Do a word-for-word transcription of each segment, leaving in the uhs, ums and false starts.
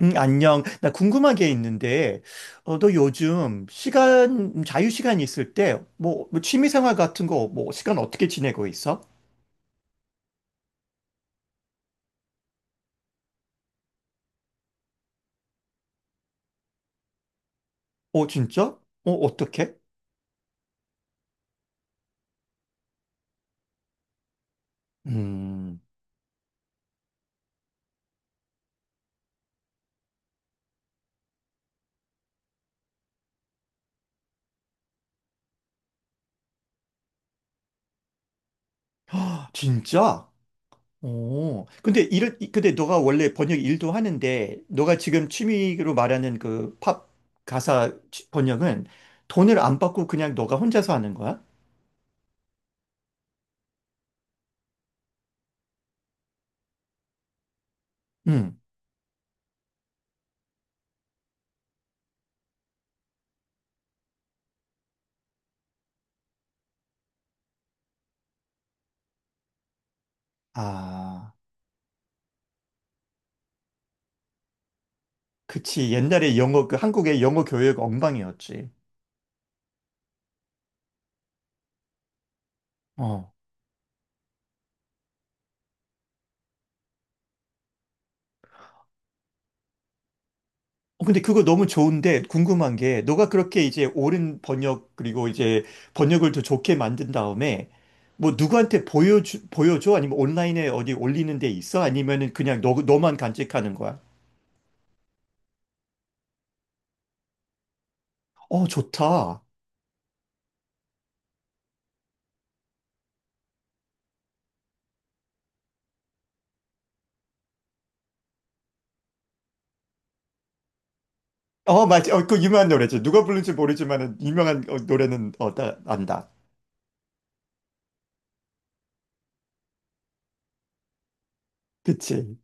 음, 안녕. 나 궁금한 게 있는데, 어, 너 요즘 시간, 자유 시간 있을 때, 뭐, 뭐 취미 생활 같은 거, 뭐, 시간 어떻게 지내고 있어? 어, 진짜? 어, 어떻게? 음, 진짜? 어, 근데 일, 근데 너가 원래 번역 일도 하는데, 너가 지금 취미로 말하는 그 팝 가사 치- 번역은 돈을 안 받고 그냥 너가 혼자서 하는 거야? 음, 아, 그치. 옛날에 영어, 그 한국의 영어 교육 엉망이었지. 어, 근데 그거 너무 좋은데 궁금한 게 너가 그렇게 이제 옳은 번역 그리고 이제 번역을 더 좋게 만든 다음에 뭐 누구한테 보여주, 보여줘? 아니면 온라인에 어디 올리는 데 있어? 아니면은 그냥 너, 너만 간직하는 거야? 어, 좋다. 어, 맞아. 어, 그 유명한 노래지. 누가 부른지 모르지만은 유명한 어, 노래는 어, 나 안다. 그치?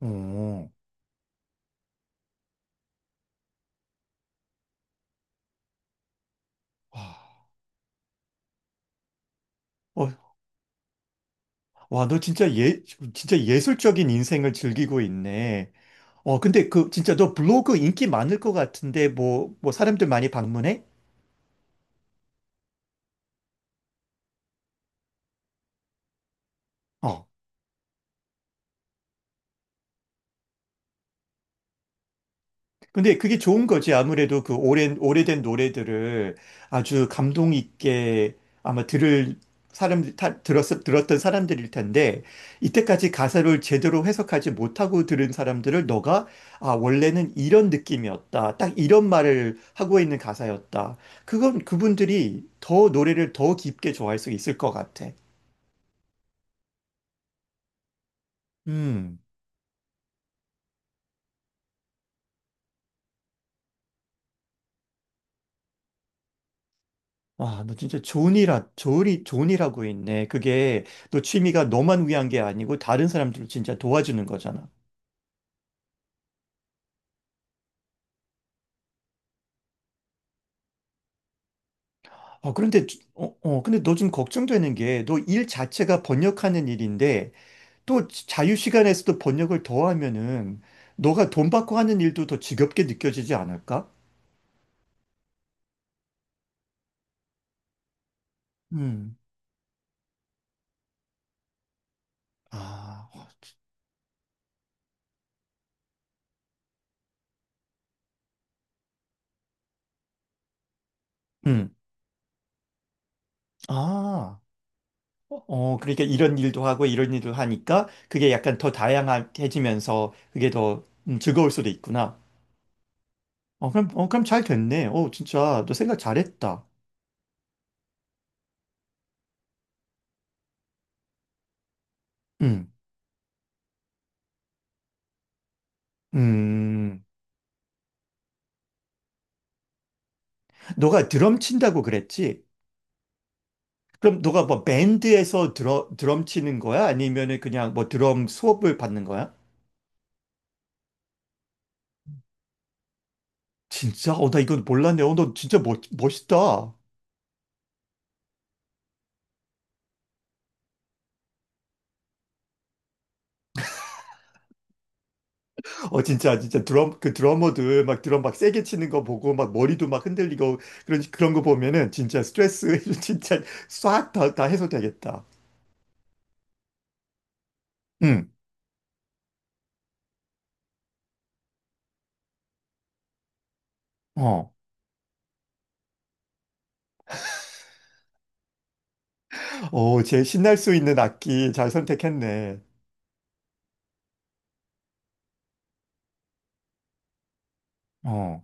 어, 와, 어, 와, 너 진짜 예, 진짜 예술적인 인생을 즐기고 있네. 어, 근데 그 진짜 너 블로그 인기 많을 것 같은데 뭐, 뭐 사람들 많이 방문해? 어. 근데 그게 좋은 거지. 아무래도 그 오랜, 오래된 노래들을 아주 감동 있게 아마 들을 사람들, 다, 들었, 들었던 사람들일 텐데 이때까지 가사를 제대로 해석하지 못하고 들은 사람들을 너가 아, 원래는 이런 느낌이었다. 딱 이런 말을 하고 있는 가사였다. 그건 그분들이 더 노래를 더 깊게 좋아할 수 있을 것 같아. 음. 아, 너 진짜 좋은 일, 하- 좋은 일, 좋은 일 하고 있네. 그게 너 취미가 너만 위한 게 아니고 다른 사람들을 진짜 도와주는 거잖아. 아, 그런데, 주- 어, 어, 근데 너 좀 걱정되는 게 너 일 자체가 번역하는 일인데 또 자유 시간에서도 번역을 더 하면은 너가 돈 받고 하는 일도 더 지겹게 느껴지지 않을까? 음. 아, 음. 아. 어, 그러니까 이런 일도 하고 이런 일도 하니까 그게 약간 더 다양해지면서 그게 더 음, 즐거울 수도 있구나. 어, 그럼, 어, 그럼 잘 됐네. 어, 진짜, 너 생각 잘했다. 음, 음. 너가 드럼 친다고 그랬지? 그럼 너가 뭐 밴드에서 드러, 드럼 치는 거야? 아니면은 그냥 뭐 드럼 수업을 받는 거야? 진짜? 어, 나 이건 몰랐네. 어, 너 진짜 멋, 멋있다. 어, 진짜, 진짜 드럼, 그 드러머들 막 드럼 막 세게 치는 거 보고 막 머리도 막 흔들리고 그런, 그런 거 보면은 진짜 스트레스 진짜 싹 다, 다 해소되겠다. 음. 어, 어, 제일 신날 수 있는 악기 잘 선택했네. 어,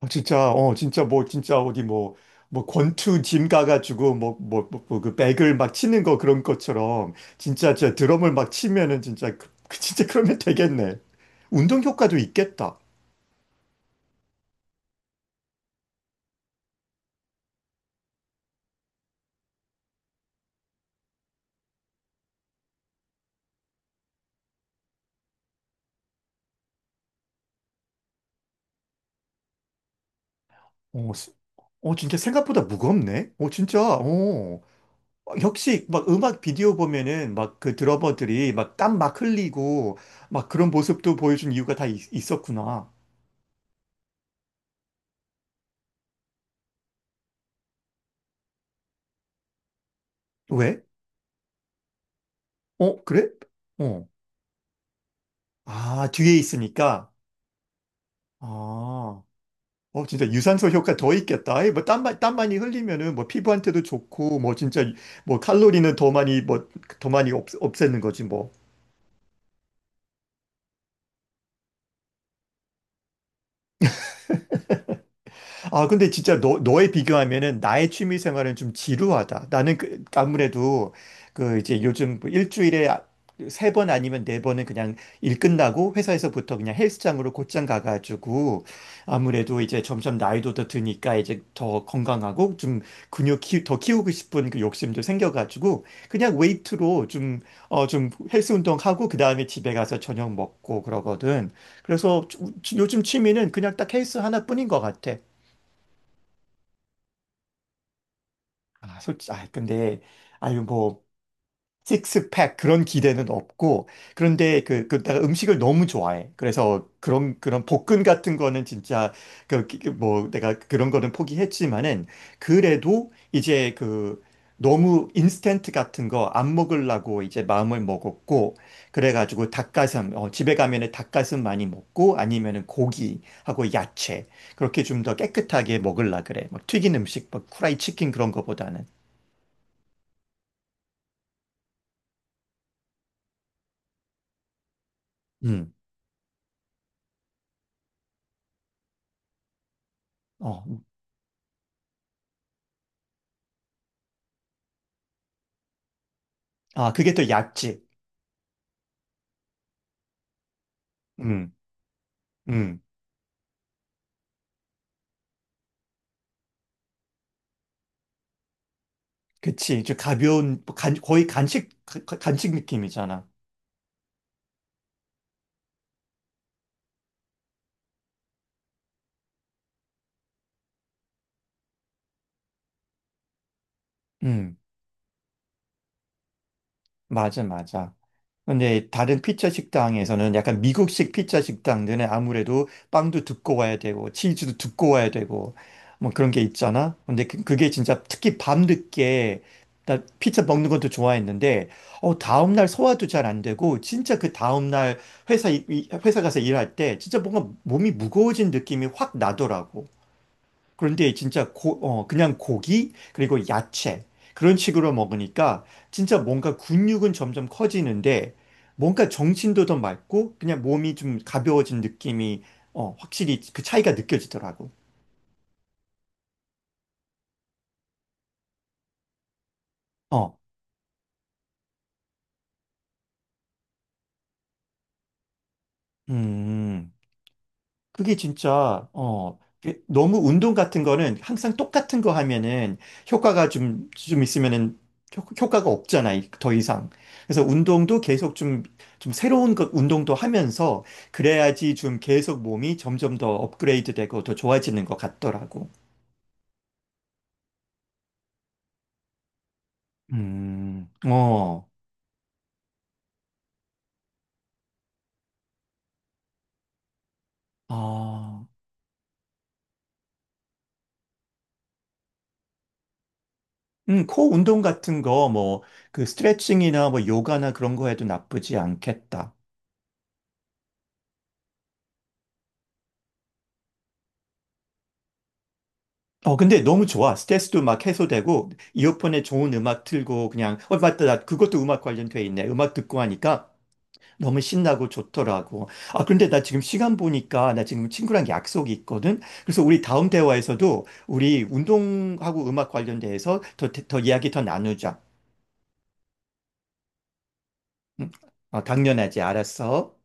어, 진짜, 어, 진짜 뭐, 진짜 어디 뭐, 뭐 권투 짐 가가지고 뭐, 뭐, 뭐, 뭐 그 백을 막 치는 거 그런 것처럼 진짜 저 드럼을 막 치면은 진짜, 그- 그 진짜 그러면 되겠네. 운동 효과도 있겠다. 어, 스- 어, 진짜 생각보다 무겁네. 어, 진짜, 어. 어, 역시 막 음악 비디오 보면은 막 그 드러머들이 막 땀 막 흘리고 막 그런 모습도 보여준 이유가 다 있, 있었구나. 왜? 어, 그래? 어. 아, 뒤에 있으니까. 아. 어, 진짜 유산소 효과 더 있겠다. 아이, 뭐, 땀, 많- 땀 많이 흘리면은, 뭐, 피부한테도 좋고, 뭐, 진짜, 뭐, 칼로리는 더 많이, 뭐, 더 많이 없, 없애는 거지, 뭐. 아, 근데 진짜 너, 너에 비교하면은 나의 취미 생활은 좀 지루하다. 나는 그, 아무래도 그 이제 요즘 뭐 일주일에 아, 세번 아니면 네 번은 그냥 일 끝나고 회사에서부터 그냥 헬스장으로 곧장 가가지고 아무래도 이제 점점 나이도 더 드니까 이제 더 건강하고 좀 근육 키, 더 키우고 싶은 그 욕심도 생겨가지고 그냥 웨이트로 좀, 어, 좀 헬스 운동하고 그 다음에 집에 가서 저녁 먹고 그러거든. 그래서 주- 요즘 취미는 그냥 딱 헬스 하나뿐인 것 같아. 아, 솔직히, 아, 근데, 아유, 뭐, 식스팩 그런 기대는 없고, 그런데 그, 그, 내가 음식을 너무 좋아해. 그래서 그런, 그런 볶음 같은 거는 진짜, 그, 그, 뭐, 내가 그런 거는 포기했지만은, 그래도 이제 그, 너무 인스턴트 같은 거 안 먹으려고 이제 마음을 먹었고, 그래가지고 닭가슴, 어, 집에 가면은 닭가슴 많이 먹고, 아니면은 고기하고 야채, 그렇게 좀 더 깨끗하게 먹으려 그래. 막 튀긴 음식, 막 후라이 치킨 그런 거보다는. 음. 어. 음. 아, 그게 또 약지. 음, 음, 그치. 좀 가벼운, 뭐 간, 거의 간식, 가- 간식 느낌이잖아. 음. 맞아, 맞아. 근데 다른 피자 식당에서는 약간 미국식 피자 식당들은 아무래도 빵도 두꺼워야 되고 치즈도 두꺼워야 되고 뭐 그런 게 있잖아. 근데 그- 그게 진짜 특히 밤늦게 나 피자 먹는 것도 좋아했는데 어 다음날 소화도 잘 안 되고 진짜 그 다음날 회사 이- 이- 회사 가서 일할 때 진짜 뭔가 몸이 무거워진 느낌이 확 나더라고. 그런데 진짜 고, 어, 그냥 고기, 그리고 야채, 그런 식으로 먹으니까 진짜 뭔가 근육은 점점 커지는데 뭔가 정신도 더 맑고 그냥 몸이 좀 가벼워진 느낌이 어, 확실히 그 차이가 느껴지더라고. 어, 음. 그게 진짜, 어, 그- 너무 운동 같은 거는 항상 똑같은 거 하면은 효과가 좀, 좀 있으면은 효, 효과가 없잖아, 이- 더 이상. 그래서 운동도 계속 좀, 좀 새로운 것, 운동도 하면서 그래야지 좀 계속 몸이 점점 더 업그레이드 되고 더 좋아지는 것 같더라고. 음, 어, 아, 음, 코 운동 같은 거, 뭐, 그 스트레칭이나 뭐 요가나 그런 거 해도 나쁘지 않겠다. 어, 근데 너무 좋아. 스트레스도 막 해소되고, 이어폰에 좋은 음악 틀고, 그냥, 어, 맞다. 나 그것도 음악 관련돼 있네. 음악 듣고 하니까 너무 신나고 좋더라고. 아, 그런데 나 지금 시간 보니까, 나 지금 친구랑 약속이 있거든? 그래서 우리 다음 대화에서도 우리 운동하고 음악 관련돼서 더, 더 이야기 더 나누자. 응? 어, 당연하지. 알았어.